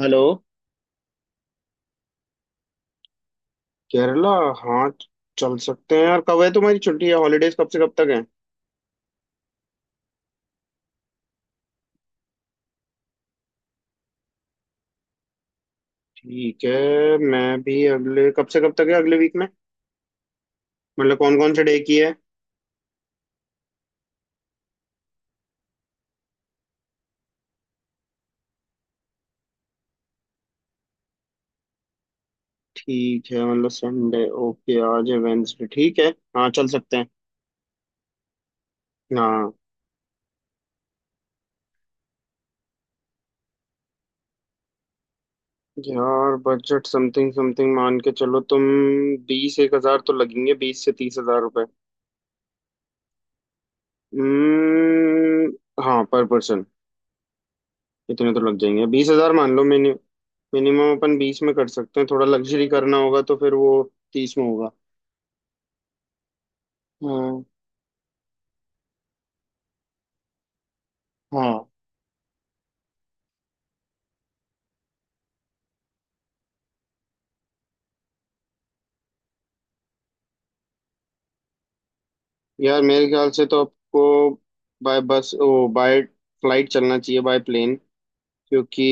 Hello. Kerala? हाँ, चल सकते हैं यार। कब है तुम्हारी छुट्टी, है हॉलीडेज कब से कब तक है? ठीक है, मैं भी अगले, कब से कब तक है अगले वीक में? मतलब कौन कौन से डे की है? ठीक है मतलब संडे, ओके आज है वेंसडे, ठीक है। हाँ, चल सकते हैं। हाँ। यार बजट समथिंग समथिंग मान के चलो तुम। बीस एक हजार तो लगेंगे, 20 से 30 हजार रुपए। हम्म। हाँ, पर पर्सन। इतने तो लग जाएंगे, 20 हजार मान लो, मिनिमम अपन 20 में कर सकते हैं, थोड़ा लग्जरी करना होगा तो फिर वो 30 में होगा। हाँ। हाँ। यार मेरे ख्याल से तो आपको by bus or by flight चलना चाहिए, बाय प्लेन। क्योंकि,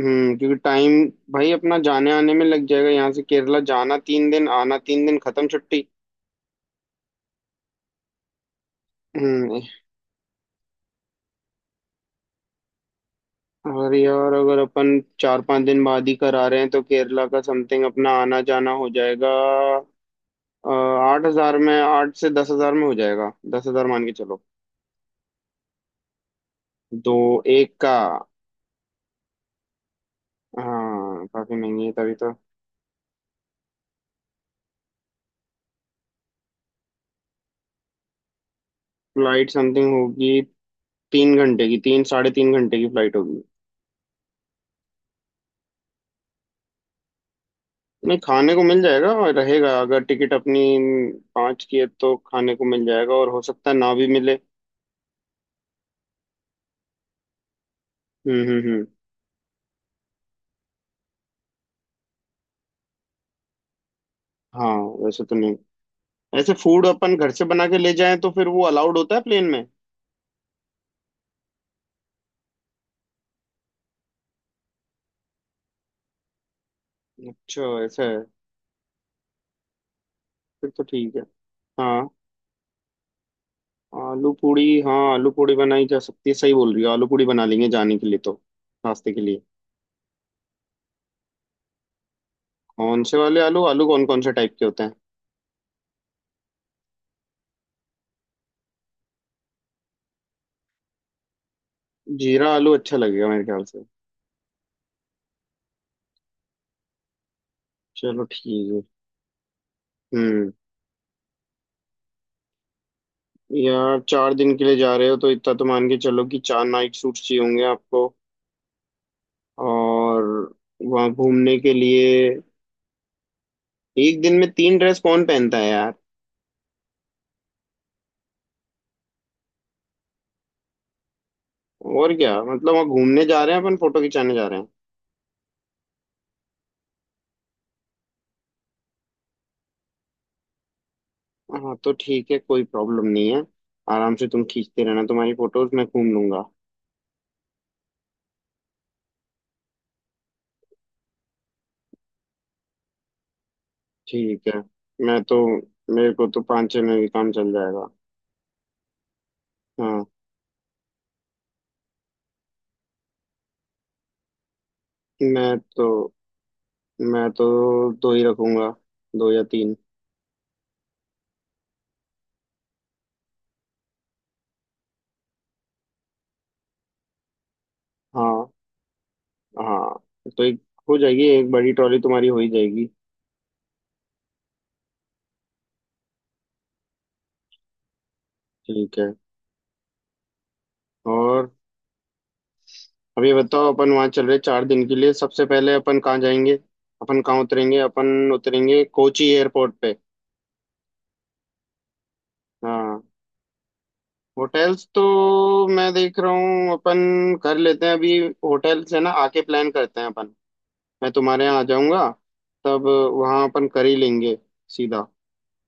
हम्म, क्योंकि टाइम भाई अपना जाने आने में लग जाएगा। यहाँ से केरला जाना तीन दिन, आना तीन दिन, खत्म छुट्टी। हम्म। और यार, अगर अपन चार पांच दिन बाद ही करा रहे हैं तो केरला का समथिंग अपना आना जाना हो जाएगा 8 हजार में, 8 से 10 हजार में हो जाएगा, 10 हजार मान के चलो। दो, एक का। हाँ, काफी महंगी है, तभी तो। फ्लाइट समथिंग होगी, तीन घंटे की, तीन साढ़े तीन घंटे की फ्लाइट होगी। नहीं, खाने को मिल जाएगा, और रहेगा अगर टिकट अपनी पाँच की है तो खाने को मिल जाएगा, और हो सकता है ना भी मिले। हम्म, हम्म, हम्म। हाँ। वैसे तो नहीं, ऐसे फूड अपन घर से बना के ले जाएं तो फिर वो अलाउड होता है प्लेन में? अच्छा, ऐसा है। फिर तो ठीक है। हाँ, आलू पूड़ी, हाँ आलू पूड़ी बनाई जा सकती है, सही बोल रही हो, आलू पूड़ी बना लेंगे जाने के लिए, तो नाश्ते के लिए। कौन से वाले आलू, आलू कौन कौन से टाइप के होते हैं? जीरा आलू अच्छा लगेगा मेरे ख्याल से। चलो ठीक है। हम्म। यार चार दिन के लिए जा रहे हो तो इतना तो मान के चलो कि चार नाइट सूट्स चाहिए होंगे आपको। और वहाँ घूमने के लिए, एक दिन में तीन ड्रेस कौन पहनता है यार? और क्या मतलब, वहाँ घूमने जा रहे हैं अपन, फोटो खिंचाने जा रहे हैं? हाँ तो ठीक है, कोई प्रॉब्लम नहीं है। आराम से तुम खींचते रहना तुम्हारी फोटोज, मैं घूम लूंगा। ठीक है। मैं तो, मेरे को तो पाँच छः में भी काम चल जाएगा। हाँ। मैं तो मैं तो दो ही रखूंगा, दो या तीन। हाँ। हाँ तो एक, हो जाएगी, एक बड़ी ट्रॉली तुम्हारी हो ही जाएगी। ठीक है। और अब ये बताओ, अपन वहाँ चल रहे चार दिन के लिए, सबसे पहले अपन कहाँ जाएंगे? अपन कहाँ उतरेंगे? अपन उतरेंगे कोची एयरपोर्ट पे। हाँ। होटल्स तो मैं देख रहा हूँ, अपन कर लेते हैं अभी। होटल से ना आके प्लान करते हैं अपन। मैं तुम्हारे यहाँ आ जाऊंगा, तब वहाँ अपन कर ही लेंगे। सीधा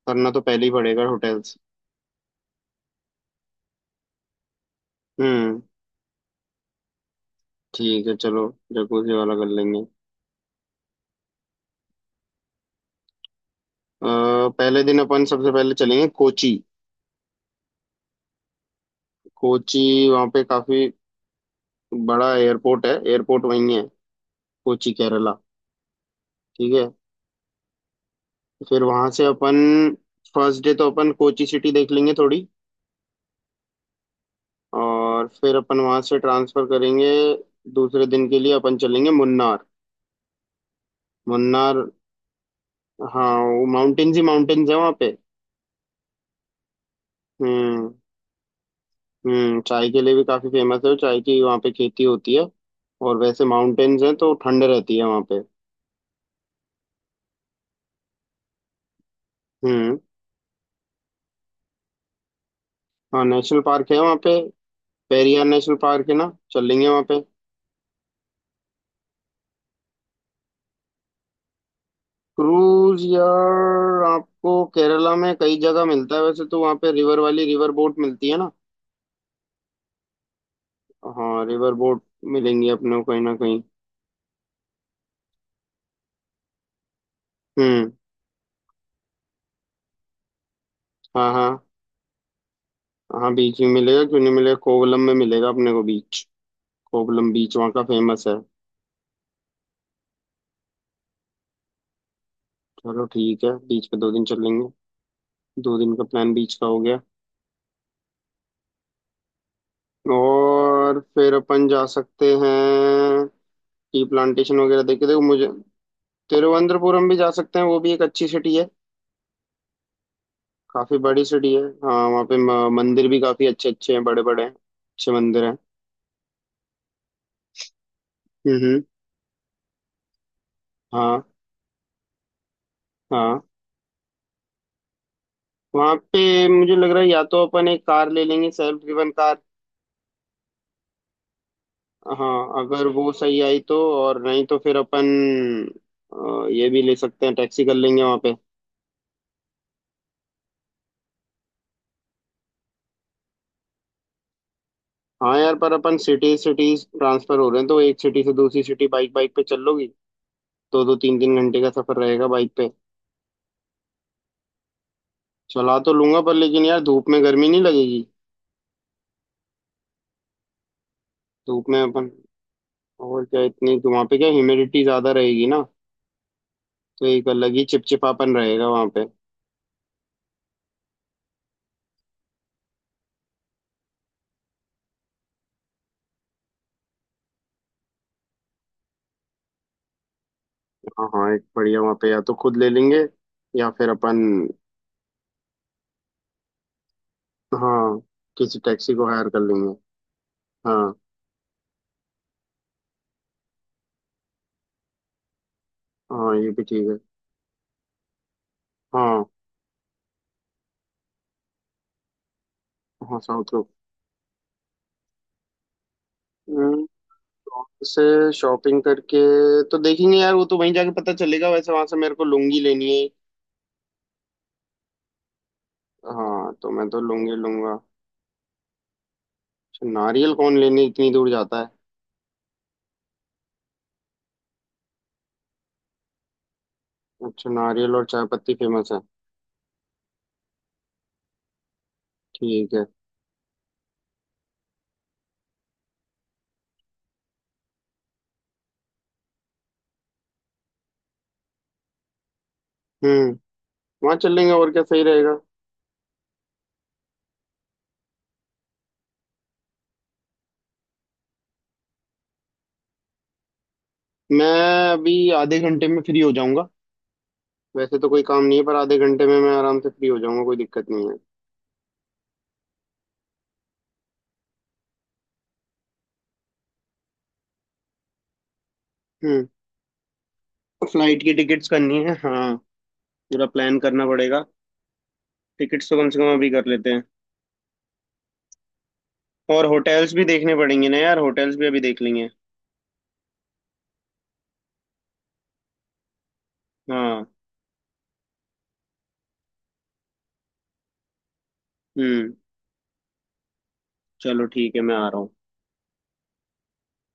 करना तो पहले ही पड़ेगा होटल्स। हम्म, ठीक है चलो, जकूजी वाला कर लेंगे। पहले दिन अपन सबसे पहले चलेंगे कोची। कोची, वहाँ पे काफी बड़ा एयरपोर्ट है, एयरपोर्ट वहीं है, कोची केरला। ठीक है। फिर वहाँ से अपन, फर्स्ट डे तो अपन कोची सिटी देख लेंगे थोड़ी। और फिर अपन वहां से ट्रांसफर करेंगे, दूसरे दिन के लिए अपन चलेंगे मुन्नार। मुन्नार, हाँ वो माउंटेन्स ही माउंटेन्स है वहाँ पे। हम्म। हम्म, चाय के लिए भी काफी फेमस है वो, चाय की वहाँ पे खेती होती है। और वैसे माउंटेन्स हैं तो ठंड रहती है वहाँ पे। हम्म। हाँ, नेशनल पार्क है वहाँ पे, पेरियार नेशनल पार्क है ना, चलेंगे वहाँ पे। क्रूज? यार आपको केरला में कई जगह मिलता है, वैसे तो वहाँ पे रिवर वाली रिवर बोट मिलती है ना। हाँ, रिवर बोट मिलेंगी अपने को कहीं ना कहीं। हम्म। हाँ, हाँ। हाँ बीच में मिलेगा, क्यों नहीं मिलेगा, कोवलम में मिलेगा अपने को बीच, कोवलम बीच वहाँ का फेमस है। चलो ठीक है, बीच पे दो दिन चल लेंगे, दो दिन का प्लान बीच का हो गया। और फिर अपन जा सकते हैं टी प्लांटेशन वगैरह, देखे देखो मुझे तिरुवनंतपुरम भी जा सकते हैं, वो भी एक अच्छी सिटी है। काफी बड़ी सिटी है, हाँ, वहाँ पे मंदिर भी काफी अच्छे अच्छे हैं, बड़े बड़े हैं, अच्छे मंदिर हैं। हम्म, हाँ। हाँ वहाँ पे मुझे लग रहा है या तो अपन एक कार ले लेंगे, सेल्फ ड्रिवन कार। हाँ, अगर वो सही आई तो। और नहीं तो फिर अपन, ये भी ले सकते हैं, टैक्सी कर लेंगे वहाँ पे। हाँ यार, पर अपन सिटी सिटी ट्रांसफर हो रहे हैं तो एक सिटी से दूसरी सिटी बाइक बाइक पे चल लोगी? दो दो तीन तीन घंटे का सफर रहेगा बाइक पे। चला तो लूंगा पर, लेकिन यार धूप में गर्मी नहीं लगेगी? धूप में अपन, और क्या, इतनी तो वहाँ पे क्या ह्यूमिडिटी ज्यादा रहेगी ना, तो एक अलग ही चिपचिपापन रहेगा वहाँ पे। हाँ हाँ, एक बढ़िया वहाँ पे या तो खुद ले लेंगे, या फिर अपन, हाँ, किसी टैक्सी को हायर कर लेंगे। हाँ। हाँ, ये भी ठीक है। हाँ। हाँ, साउथ लोग। हम्म, वहाँ से शॉपिंग करके तो देखेंगे यार, वो तो वहीं जाके पता चलेगा। वैसे वहां से मेरे को लुंगी लेनी है। हाँ तो मैं तो लुंगी लूंगा। अच्छा, नारियल कौन लेने इतनी दूर जाता है? अच्छा, नारियल और चाय पत्ती फेमस है। ठीक है। हम्म, वहाँ चल लेंगे और क्या सही रहेगा। मैं अभी आधे घंटे में फ्री हो जाऊंगा। वैसे तो कोई काम नहीं है, पर आधे घंटे में मैं आराम से फ्री हो जाऊंगा, कोई दिक्कत नहीं है। हम्म, फ्लाइट की टिकट्स करनी है, हाँ, पूरा प्लान करना पड़ेगा। टिकट्स तो कम से कम अभी कर लेते हैं। और होटल्स भी देखने पड़ेंगे ना यार, होटल्स भी अभी देख लेंगे। हाँ। हम्म। चलो ठीक है, मैं आ रहा हूँ।